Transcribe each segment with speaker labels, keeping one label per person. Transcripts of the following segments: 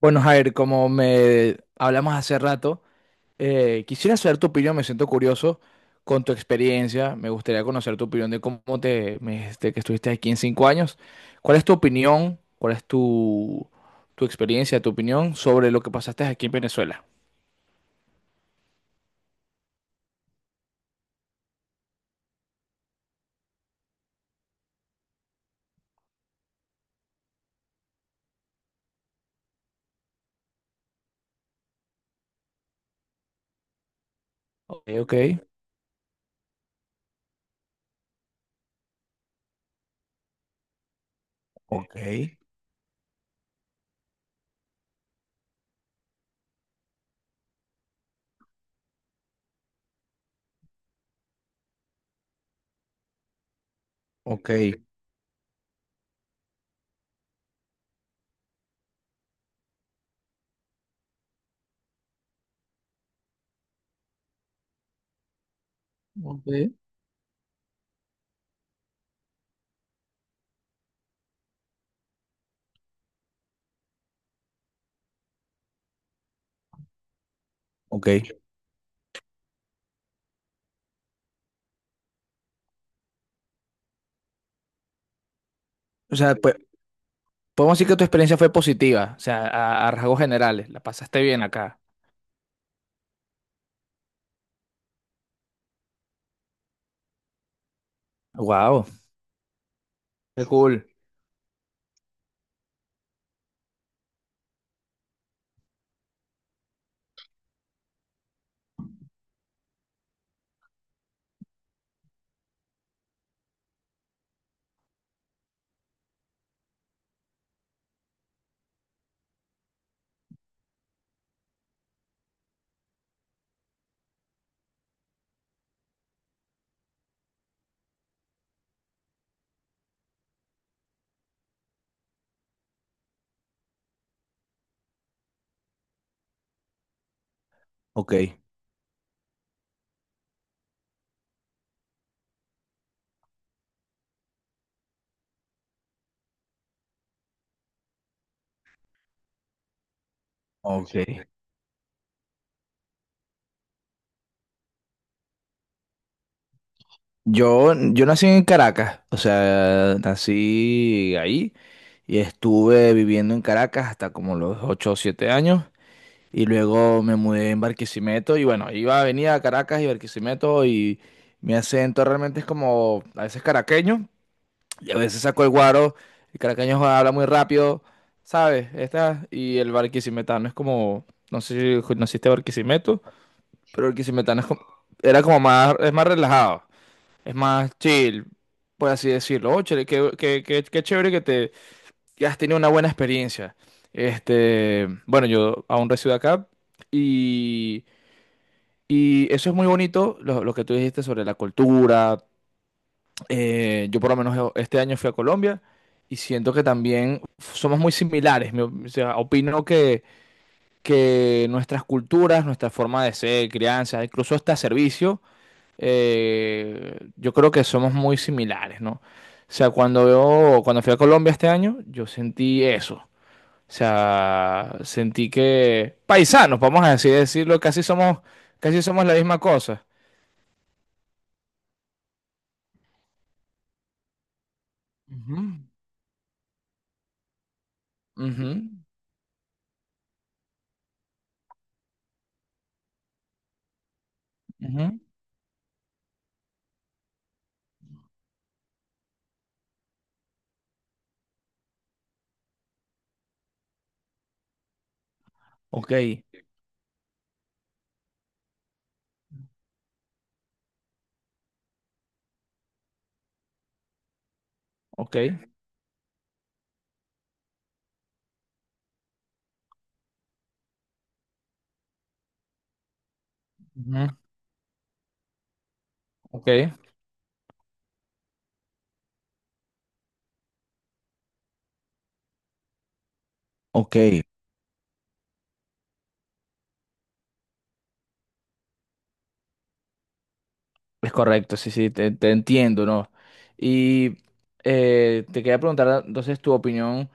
Speaker 1: Bueno, Jair, como me hablamos hace rato, quisiera saber tu opinión, me siento curioso con tu experiencia, me gustaría conocer tu opinión de cómo me dijiste que estuviste aquí en 5 años. ¿Cuál es tu opinión? ¿Cuál es tu experiencia, tu opinión sobre lo que pasaste aquí en Venezuela? Ok, ok. Ok, ok, ok. Ok. O sea, pues, podemos decir que tu experiencia fue positiva, o sea, a rasgos generales, la pasaste bien acá. Wow, qué cool. Ok, ok. Yo nací en Caracas, o sea, nací ahí y estuve viviendo en Caracas hasta como los 8 o 7 años y luego me mudé en Barquisimeto y bueno, iba, venía a Caracas y Barquisimeto y mi acento realmente es como a veces caraqueño y a veces saco el guaro, el caraqueño habla muy rápido, ¿sabes? Esta, y el barquisimetano es como, no sé si naciste Barquisimeto, pero el barquisimetano es como, era como más, es más relajado. Es más chill, por así decirlo. Oh, chévere, qué chévere que te que has tenido una buena experiencia. Este, bueno, yo aún resido acá y, y eso es muy bonito, lo que tú dijiste sobre la cultura. Yo por lo menos este año fui a Colombia y siento que también somos muy similares. O sea, opino que nuestras culturas, nuestra forma de ser, crianza, incluso hasta servicio yo creo que somos muy similares, ¿no? O sea, cuando veo, cuando fui a Colombia este año, yo sentí eso. O sea, sentí que paisanos, vamos a decir, decirlo, casi somos la misma cosa. Ujú. Ujú, ujú. Ok, ok, ujú, ok. Ok. Es correcto, sí, sí, te entiendo, ¿no? Y te quería preguntar entonces tu opinión,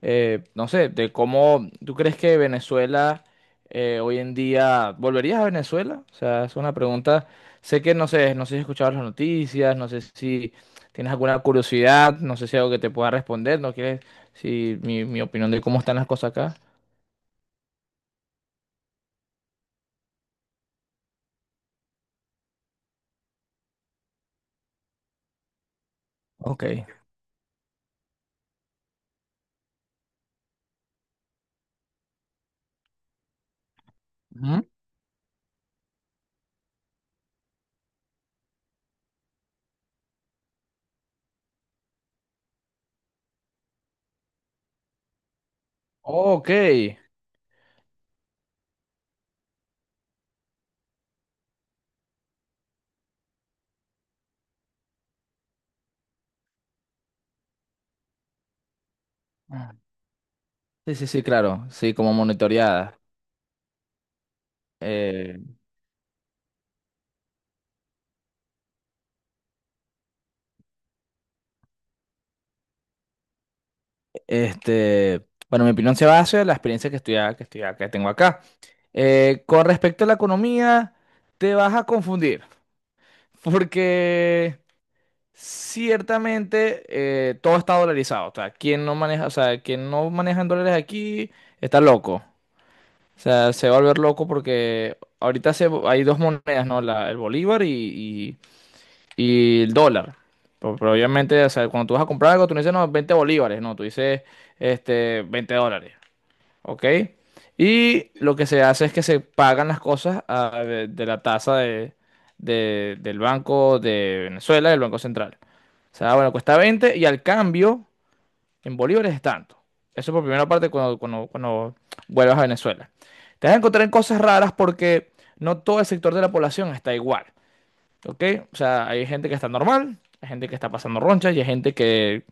Speaker 1: no sé, de cómo tú crees que Venezuela hoy en día, ¿volverías a Venezuela? O sea, es una pregunta, sé que no sé, no sé si has escuchado las noticias, no sé si tienes alguna curiosidad, no sé si hay algo que te pueda responder, ¿no quieres? Si mi opinión de cómo están las cosas acá. Ok. Ujú. Ok. Ah, sí, sí, sí, claro, sí, como monitoreada. Este, bueno, mi opinión se basa en la experiencia que tengo acá. Con respecto a la economía, te vas a confundir, porque ciertamente todo está dolarizado. O sea, quien no maneja, o sea, quien no maneja en dólares aquí está loco. O sea, se va a volver loco porque ahorita se, hay dos monedas, ¿no? El bolívar y- y el dólar. Pero obviamente, o sea, cuando tú vas a comprar algo, tú no dices, no, 20 bolívares, no, tú dices, este, 20 dólares. ¿Ok? Y lo que se hace es que se pagan las cosas ah, de la tasa del Banco de Venezuela, del Banco Central. O sea, bueno, cuesta 20 y al cambio en bolívares es tanto. Eso por primera parte cuando, cuando, cuando vuelvas a Venezuela. Te vas a encontrar en cosas raras porque no todo el sector de la población está igual, ¿ok? O sea, hay gente que está normal, hay gente que está pasando roncha y hay gente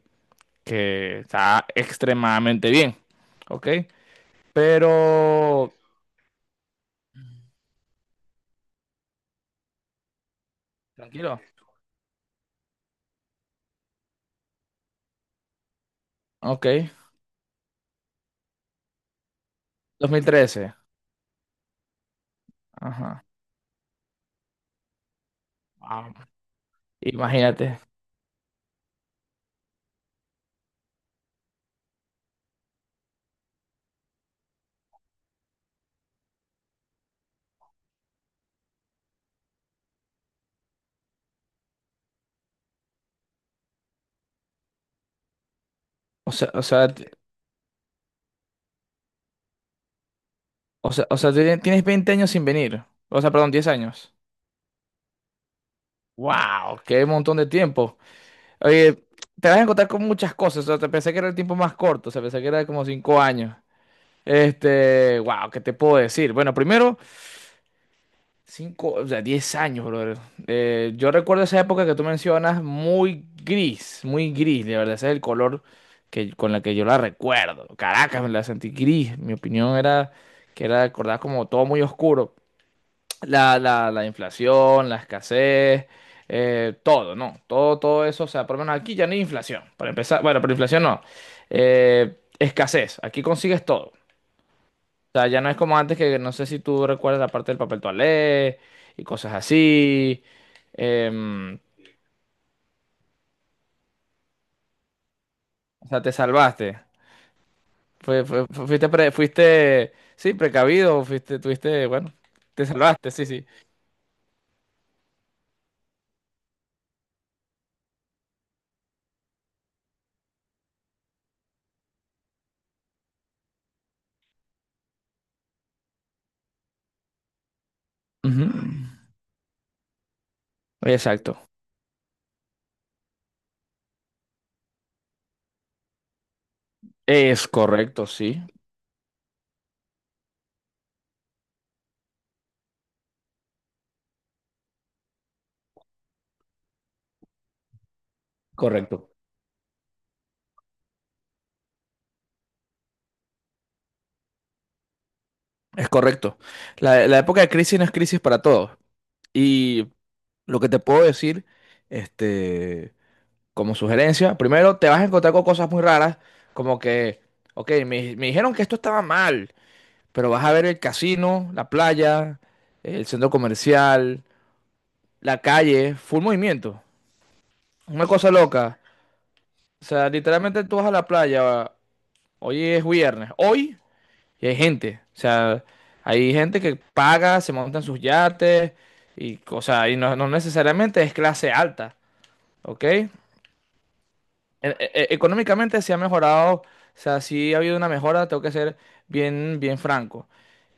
Speaker 1: que está extremadamente bien, ¿ok? Pero tranquilo. Ok. 2013. Ajá. Ah, imagínate. O sea, t- o sea, tiene- Tienes 20 años sin venir. O sea, perdón, 10 años. Wow, qué montón de tiempo. Oye, te vas a encontrar con muchas cosas. O sea, te pensé que era el tiempo más corto. O sea, pensé que era como 5 años. Este, wow, ¿qué te puedo decir? Bueno, primero. Cinco, o sea, 10 años, brother. Yo recuerdo esa época que tú mencionas muy gris, de verdad, ese es el color que, con la que yo la recuerdo. Caracas, me la sentí gris. Mi opinión era que era recordar como todo muy oscuro. La inflación, la escasez, todo, ¿no? Todo, todo eso, o sea, por lo menos aquí ya no hay inflación, para empezar. Bueno, pero inflación no. Escasez, aquí consigues todo sea, ya no es como antes que no sé si tú recuerdas la parte del papel toalé y cosas así. Em, o sea, te salvaste. Fuiste, sí, precavido, fuiste, tuviste, bueno, te salvaste, sí, sí. Ujú. Exacto. Es correcto, sí, correcto. Es correcto. La época de crisis no es crisis para todos. Y lo que te puedo decir, este... como sugerencia, primero te vas a encontrar con cosas muy raras, como que, ok, me dijeron que esto estaba mal, pero vas a ver el casino, la playa, el centro comercial, la calle, full movimiento. Una cosa loca. O sea, literalmente tú vas a la playa, hoy es viernes, hoy, y hay gente. O sea, hay gente que paga, se monta en sus yates, o sea, y no, no necesariamente es clase alta, ¿ok? Económicamente se ha mejorado, o sea, sí ha habido una mejora, tengo que ser bien, bien franco.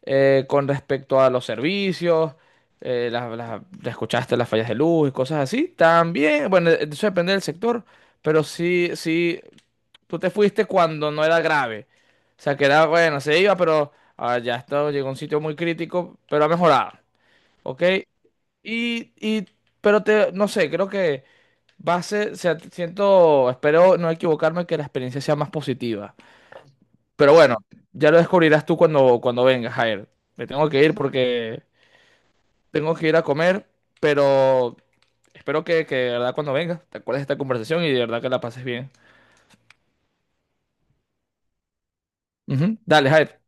Speaker 1: Con respecto a los servicios, ya escuchaste las fallas de luz y cosas así, también, bueno, eso depende del sector, pero sí, sí, tú te fuiste cuando no era grave. O sea, que era, bueno, se iba, pero ah, ya está, llegó a un sitio muy crítico, pero ha mejorado, ¿ok? Y, y, pero te, no sé, creo que... Va a ser, o sea, siento, espero no equivocarme que la experiencia sea más positiva. Pero bueno, ya lo descubrirás tú cuando, cuando vengas, Jair. Me tengo que ir porque tengo que ir a comer, pero espero que de verdad cuando vengas te acuerdes de esta conversación y de verdad que la pases bien. Ujú. Dale, Jair.